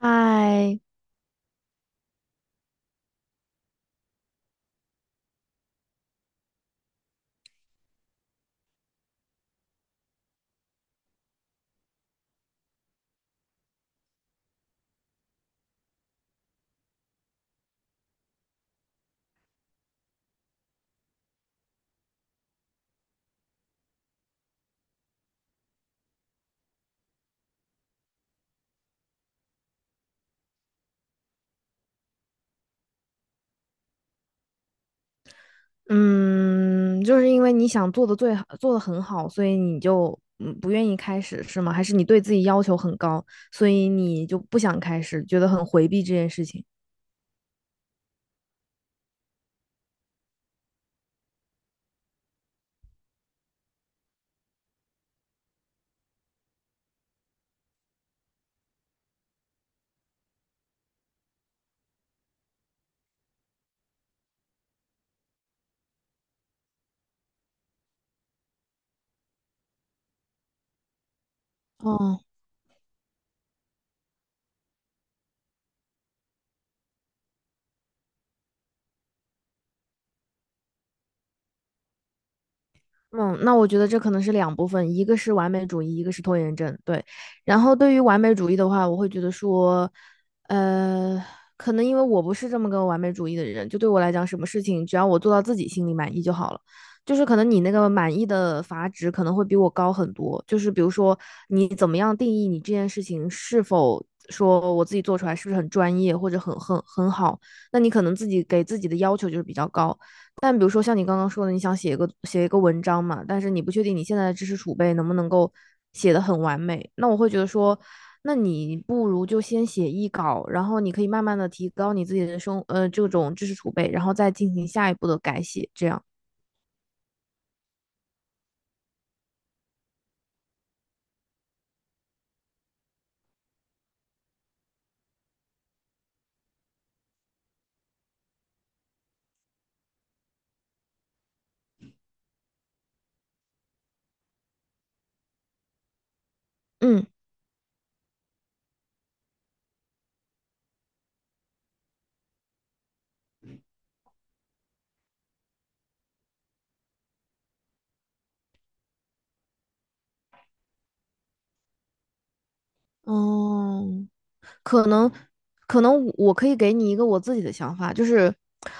哎，嗯，就是因为你想做的最好，做的很好，所以你就不愿意开始，是吗？还是你对自己要求很高，所以你就不想开始，觉得很回避这件事情？哦，嗯，那我觉得这可能是两部分，一个是完美主义，一个是拖延症。对，然后对于完美主义的话，我会觉得说，呃，可能因为我不是这么个完美主义的人，就对我来讲，什么事情只要我做到自己心里满意就好了。就是可能你那个满意的阀值可能会比我高很多。就是比如说，你怎么样定义你这件事情是否说我自己做出来是不是很专业或者很好，那你可能自己给自己的要求就是比较高。但比如说像你刚刚说的，你想写一个文章嘛，但是你不确定你现在的知识储备能不能够写得很完美，那我会觉得说，那你不如就先写一稿，然后你可以慢慢的提高你自己的这种知识储备，然后再进行下一步的改写，这样，嗯。哦，可能可能我可以给你一个我自己的想法，就是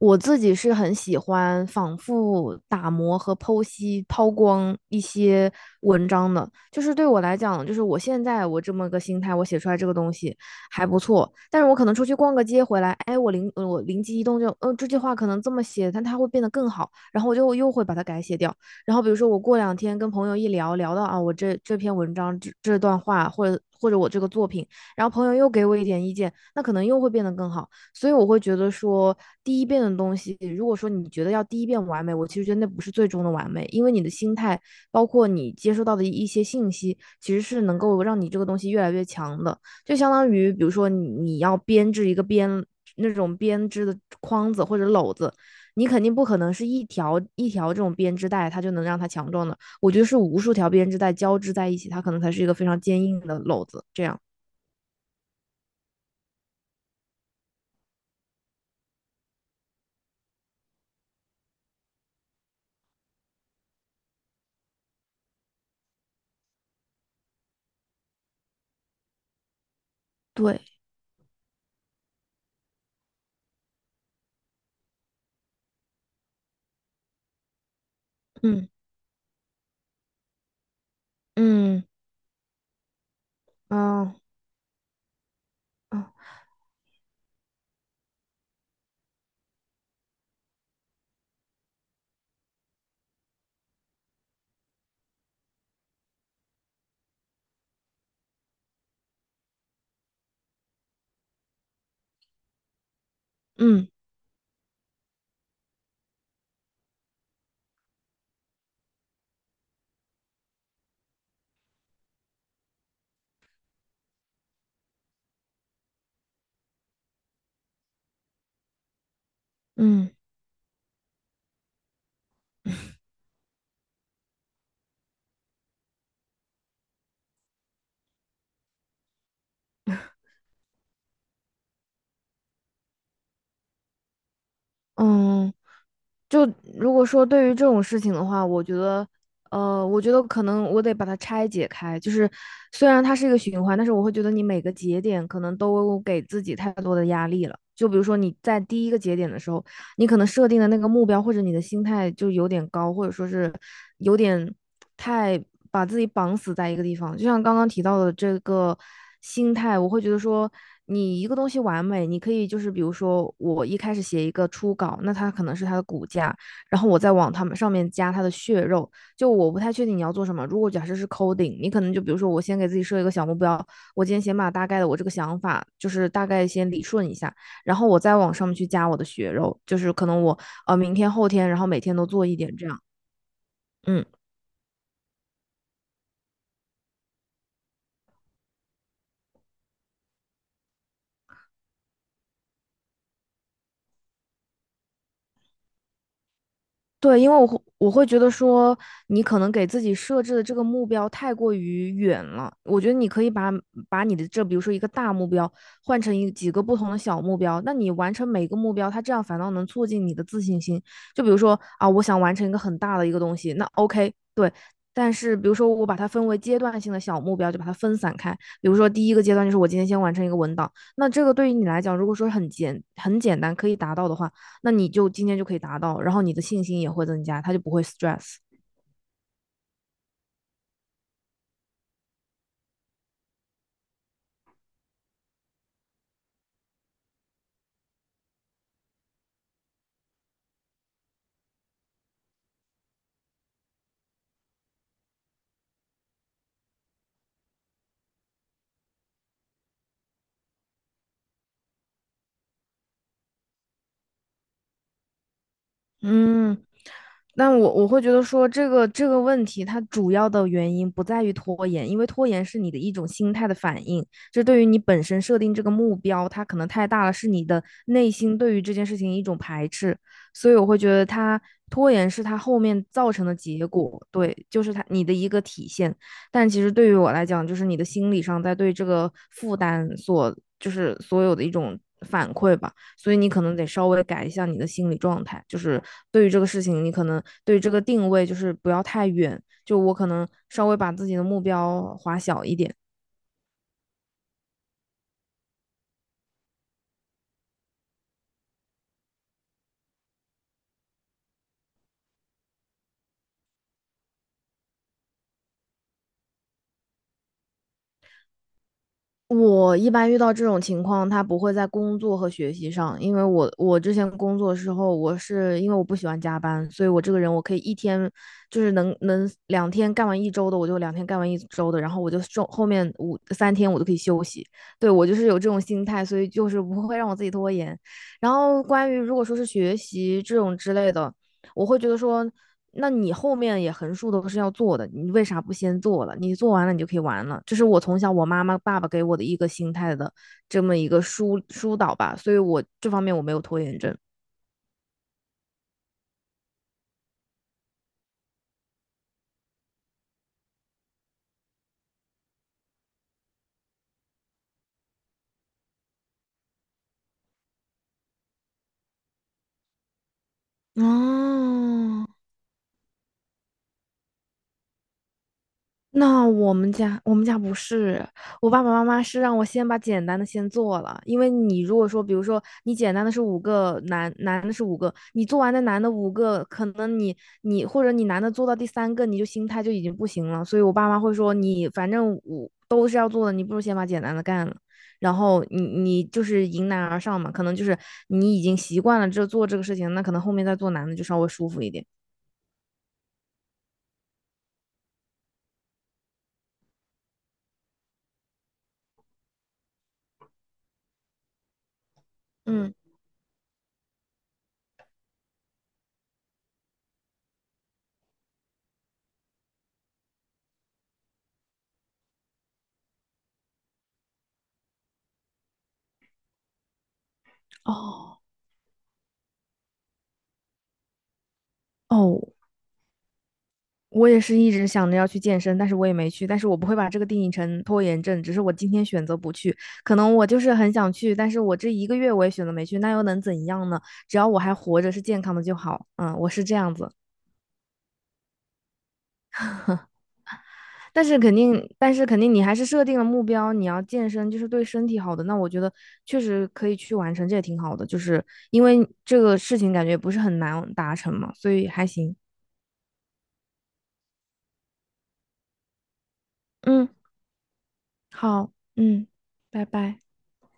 我自己是很喜欢反复打磨和剖析、抛光一些文章的。就是对我来讲，就是我现在我这么个心态，我写出来这个东西还不错，但是我可能出去逛个街回来，哎，我灵机一动就，嗯，这句话可能这么写，但它会变得更好，然后我就又会把它改写掉。然后比如说我过两天跟朋友一聊，聊到啊，我这篇文章这段话，或者我这个作品。然后朋友又给我一点意见，那可能又会变得更好。所以我会觉得说，第一遍的东西，如果说你觉得要第一遍完美，我其实觉得那不是最终的完美，因为你的心态，包括你接收到的一些信息，其实是能够让你这个东西越来越强的。就相当于，比如说你要编织一个那种编织的筐子或者篓子，你肯定不可能是一条一条这种编织带，它就能让它强壮的。我觉得是无数条编织带交织在一起，它可能才是一个非常坚硬的篓子。这样，对，嗯嗯嗯嗯嗯嗯嗯，就如果说对于这种事情的话，我觉得，我觉得可能我得把它拆解开。就是虽然它是一个循环，但是我会觉得你每个节点可能都给自己太多的压力了。就比如说你在第一个节点的时候，你可能设定的那个目标或者你的心态就有点高，或者说是有点太把自己绑死在一个地方。就像刚刚提到的这个心态，我会觉得说，你一个东西完美，你可以就是比如说我一开始写一个初稿，那它可能是它的骨架，然后我再往它们上面加它的血肉。就我不太确定你要做什么。如果假设是 coding，你可能就比如说我先给自己设一个小目标，我今天先把大概的我这个想法就是大概先理顺一下。然后我再往上面去加我的血肉，就是可能我明天后天，然后每天都做一点这样。嗯，对，因为我会觉得说，你可能给自己设置的这个目标太过于远了。我觉得你可以把你的这，比如说一个大目标，换成几个不同的小目标。那你完成每个目标，它这样反倒能促进你的自信心。就比如说啊，我想完成一个很大的一个东西，那 OK，对。但是比如说我把它分为阶段性的小目标，就把它分散开。比如说第一个阶段就是我今天先完成一个文档，那这个对于你来讲，如果说很简单可以达到的话。那你就今天就可以达到，然后你的信心也会增加，他就不会 stress。嗯，但我会觉得说这个问题，它主要的原因不在于拖延，因为拖延是你的一种心态的反应，这对于你本身设定这个目标，它可能太大了，是你的内心对于这件事情一种排斥，所以我会觉得它拖延是它后面造成的结果，对，就是它你的一个体现。但其实对于我来讲，就是你的心理上在对这个负担所，就是所有的一种反馈吧。所以你可能得稍微改一下你的心理状态，就是对于这个事情，你可能对于这个定位就是不要太远，就我可能稍微把自己的目标划小一点，我一般遇到这种情况，他不会在工作和学习上，因为我之前工作的时候，我是因为我不喜欢加班，所以我这个人我可以一天就是能两天干完一周的，我就两天干完一周的，然后我就后面三天我都可以休息。对，我就是有这种心态，所以就是不会让我自己拖延。然后关于如果说是学习这种之类的，我会觉得说，那你后面也横竖都是要做的，你为啥不先做了？你做完了，你就可以玩了。这是我从小我妈妈、爸爸给我的一个心态的这么一个疏导吧，所以我这方面我没有拖延症。哦，那我们家不是，我爸爸妈妈是让我先把简单的先做了，因为你如果说，比如说你简单的是五个，男的是五个，你做完那男的五个，可能你或者你男的做到第三个，你就心态就已经不行了，所以我爸妈会说你反正五都是要做的，你不如先把简单的干了，然后你就是迎难而上嘛，可能就是你已经习惯了做这个事情，那可能后面再做难的就稍微舒服一点。嗯，哦哦，我也是一直想着要去健身，但是我也没去。但是我不会把这个定义成拖延症，只是我今天选择不去。可能我就是很想去，但是我这一个月我也选择没去，那又能怎样呢？只要我还活着，是健康的就好。嗯，我是这样子。但是肯定，但是肯定，你还是设定了目标，你要健身，就是对身体好的。那我觉得确实可以去完成，这也挺好的。就是因为这个事情感觉不是很难达成嘛，所以还行。嗯，好，嗯，拜拜。